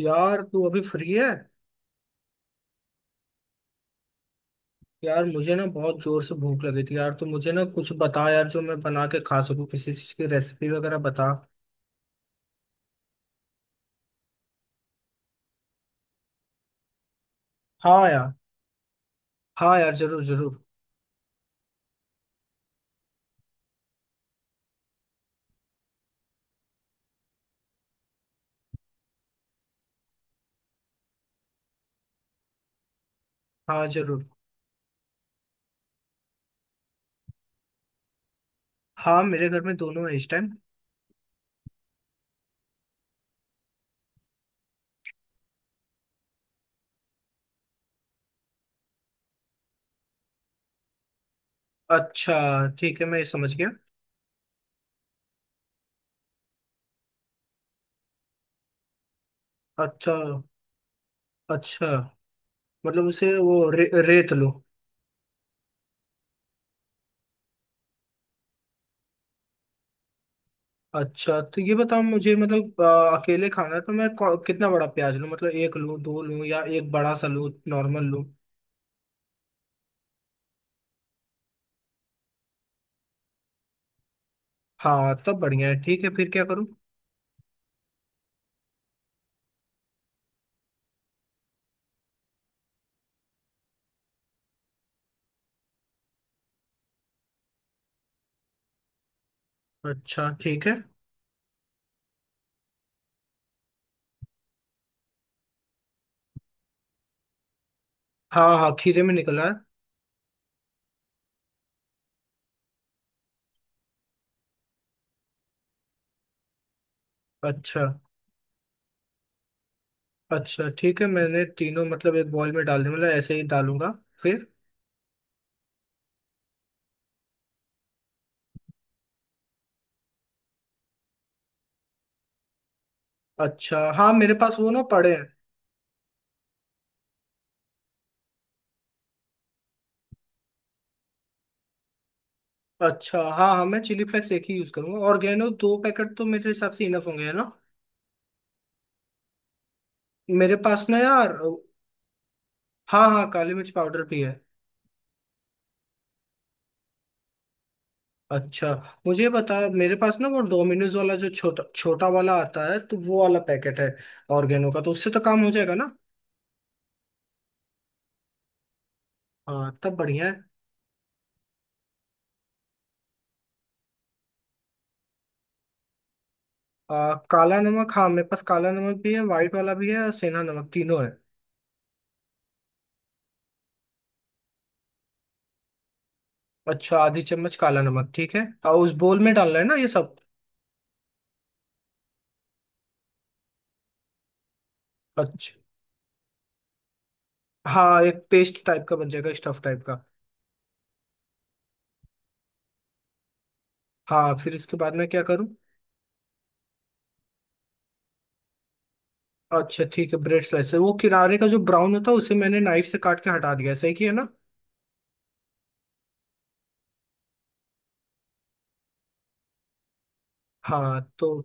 यार तू अभी फ्री है। यार मुझे ना बहुत जोर से भूख लगी थी यार, तो मुझे ना कुछ बता यार जो मैं बना के खा सकूं, किसी चीज की रेसिपी वगैरह बता। हाँ यार। हाँ यार, जरूर जरूर। हाँ जरूर। हाँ मेरे घर में दोनों है इस टाइम। अच्छा, ठीक है, मैं ये समझ गया। अच्छा। अच्छा, मतलब उसे वो रेत लो। अच्छा, तो ये बताओ मुझे, मतलब अकेले खाना है तो मैं कितना बड़ा प्याज लूँ, मतलब एक लूँ, दो लूँ, या एक बड़ा सा लूँ, नॉर्मल लूँ। हाँ, तब बढ़िया है। ठीक है, फिर क्या करूँ। अच्छा ठीक है। हाँ हाँ, खीरे में निकला है। अच्छा। अच्छा ठीक है, मैंने तीनों मतलब एक बॉल में डाल दिए, मतलब ऐसे ही डालूंगा। फिर? अच्छा, हाँ, मेरे पास वो ना पड़े हैं। अच्छा, हाँ हाँ, मैं चिली फ्लेक्स एक ही यूज करूंगा, ऑर्गेनो दो पैकेट तो मेरे हिसाब से इनफ होंगे, है ना। मेरे पास ना यार। हाँ हाँ, काली मिर्च पाउडर भी है। अच्छा। मुझे बता, मेरे पास ना वो डोमिनोज वाला जो छोटा छोटा वाला आता है तो वो वाला पैकेट है ऑर्गेनो का, तो उससे तो काम हो जाएगा ना। हाँ, तब बढ़िया है। काला नमक हाँ, मेरे पास काला नमक भी है, व्हाइट वाला भी है, और सेंधा नमक, तीनों है। अच्छा, आधी चम्मच काला नमक, ठीक है। और उस बोल में डालना है ना ये सब। अच्छा। हाँ, एक पेस्ट टाइप का बन जाएगा, स्टफ टाइप का। हाँ, फिर इसके बाद मैं क्या करूँ। अच्छा ठीक है, ब्रेड स्लाइसर वो किनारे का जो ब्राउन होता है उसे मैंने नाइफ से काट के हटा दिया है, सही किया ना। हाँ, तो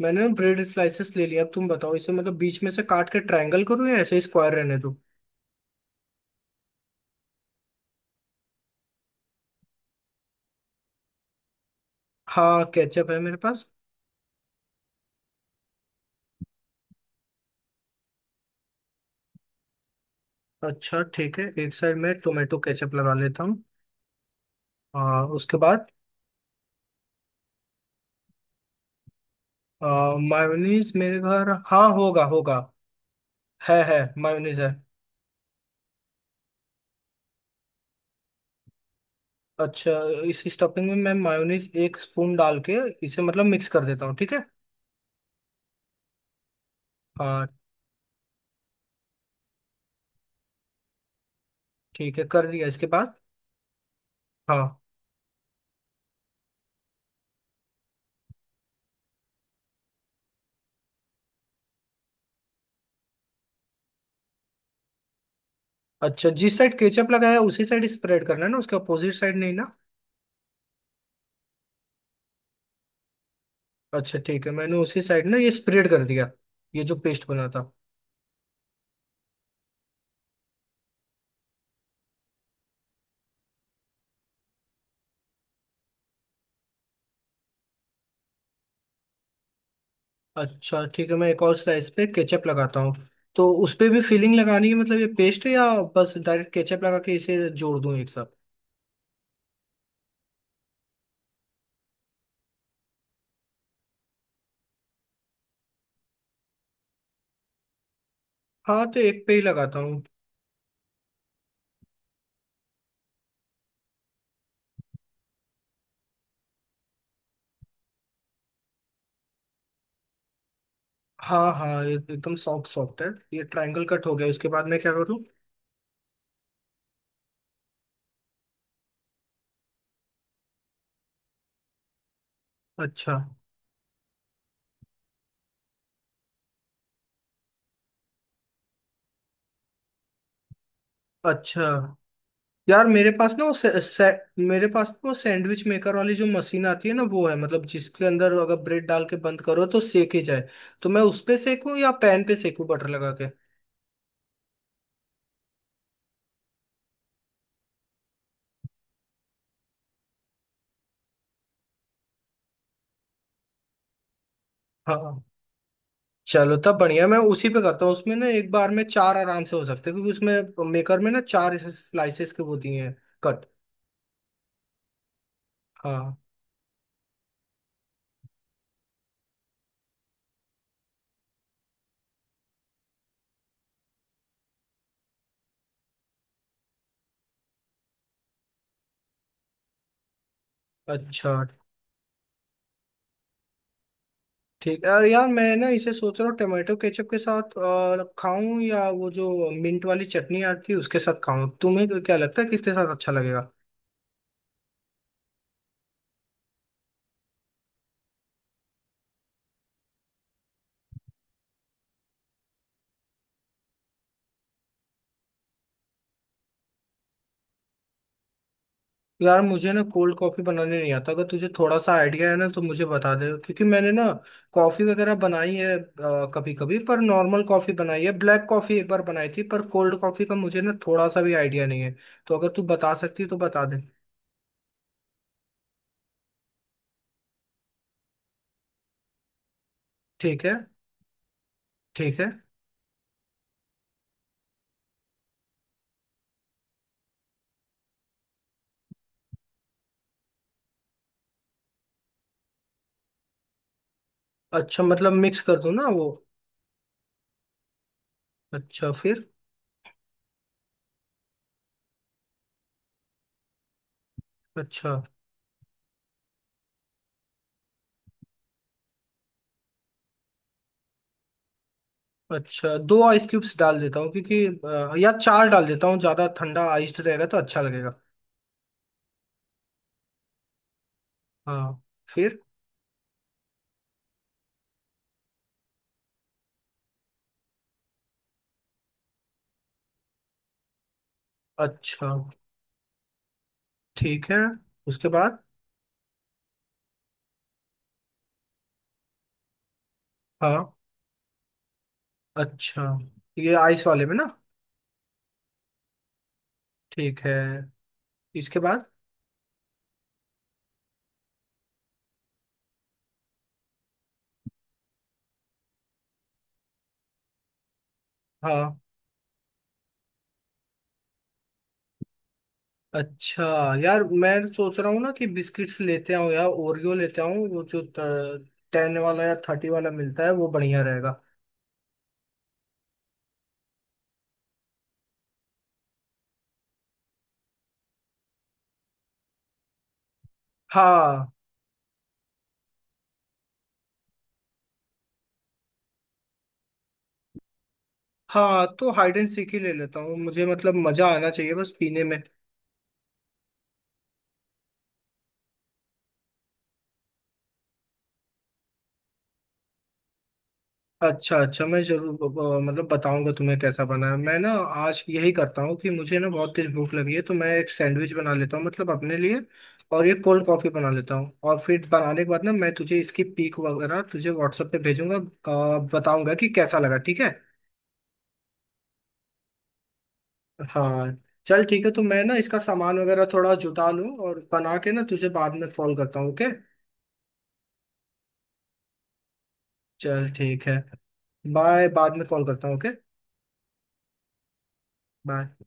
मैंने ना ब्रेड स्लाइसेस ले लिया, अब तुम बताओ इसे मतलब बीच में से काट के ट्रायंगल करूँ या ऐसे स्क्वायर रहने दूँ। हाँ, केचप है मेरे पास। अच्छा ठीक है, एक साइड में टोमेटो केचप लगा लेता हूँ। हाँ, उसके बाद? मायोनीज मेरे घर, हाँ, होगा होगा। है, मायोनीज है। अच्छा, इस स्टफिंग में मैं मायोनीज एक स्पून डाल के इसे मतलब मिक्स कर देता हूँ, ठीक है। हाँ। ठीक है, कर दिया, इसके बाद? हाँ। अच्छा, जिस साइड केचप लगाया उसी साइड स्प्रेड करना है ना, उसके अपोजिट साइड नहीं ना। अच्छा ठीक है, मैंने उसी साइड ना ये स्प्रेड कर दिया, ये जो पेस्ट बना था। अच्छा ठीक है, मैं एक और स्लाइस पे केचप लगाता हूँ। तो उस पे भी फिलिंग लगानी है मतलब ये पेस्ट, है या बस डायरेक्ट केचप लगा के इसे जोड़ दूं एक साथ। हाँ, तो एक पे ही लगाता हूँ। हाँ हाँ, ये एकदम सॉफ्ट सॉफ्ट है। ये ट्रायंगल कट हो गया, उसके बाद मैं क्या करूँ। अच्छा। अच्छा, यार मेरे पास ना वो मेरे पास ना वो सैंडविच मेकर वाली जो मशीन आती है ना वो है, मतलब जिसके अंदर अगर ब्रेड डाल के बंद करो तो सेके जाए। तो मैं उस पे सेकूँ या पैन पे सेकूँ बटर लगा के। हाँ हाँ। चलो, तब बढ़िया, मैं उसी पे करता हूँ, उसमें ना एक बार में चार आराम से हो सकते हैं क्योंकि उसमें मेकर में ना चार स्लाइसेस के वो दिए हैं कट। हाँ। अच्छा ठीक है। और यार मैं ना इसे सोच रहा हूँ, टमाटो केचप के साथ और खाऊं या वो जो मिंट वाली चटनी आती है उसके साथ खाऊं, तुम्हें क्या लगता है किसके साथ अच्छा लगेगा। यार, मुझे ना कोल्ड कॉफी बनाने नहीं आता, अगर तुझे थोड़ा सा आइडिया है ना तो मुझे बता दे, क्योंकि मैंने ना कॉफी वगैरह बनाई है कभी कभी, पर नॉर्मल कॉफी बनाई है, ब्लैक कॉफी एक बार बनाई थी, पर कोल्ड कॉफी का मुझे ना थोड़ा सा भी आइडिया नहीं है, तो अगर तू बता सकती है तो बता दे। ठीक है। ठीक है। अच्छा, मतलब मिक्स कर दूं ना वो। अच्छा, फिर? अच्छा। अच्छा, दो आइस क्यूब्स डाल देता हूँ, क्योंकि या चार डाल देता हूँ, ज्यादा ठंडा आइस रहेगा तो अच्छा लगेगा। हाँ। फिर? अच्छा ठीक है, उसके बाद? हाँ। अच्छा, ये आइस वाले में ना। ठीक है, इसके बाद? हाँ। अच्छा, यार मैं सोच रहा हूँ ना कि बिस्किट्स लेते आऊँ यार, ओरियो लेते आऊँ, वो जो 10 वाला या 30 वाला मिलता है वो बढ़िया रहेगा। हाँ। हाँ, तो हाइड एंड सीक ही ले लेता हूँ, मुझे मतलब मजा आना चाहिए बस पीने में। अच्छा। अच्छा, मैं जरूर मतलब बताऊंगा तुम्हें कैसा बना है। मैं ना आज यही करता हूँ कि मुझे ना बहुत तेज भूख लगी है तो मैं एक सैंडविच बना लेता हूँ मतलब अपने लिए, और ये कोल्ड कॉफी बना लेता हूँ, और फिर बनाने के बाद ना मैं तुझे इसकी पिक वगैरह तुझे व्हाट्सएप पे भेजूंगा, बताऊंगा कि कैसा लगा, ठीक है। हाँ। चल ठीक है, तो मैं ना इसका सामान वगैरह थोड़ा जुटा लूँ और बना के ना तुझे बाद में कॉल करता हूँ, ओके। चल ठीक है। बाय, बाद में कॉल करता हूँ, ओके। बाय।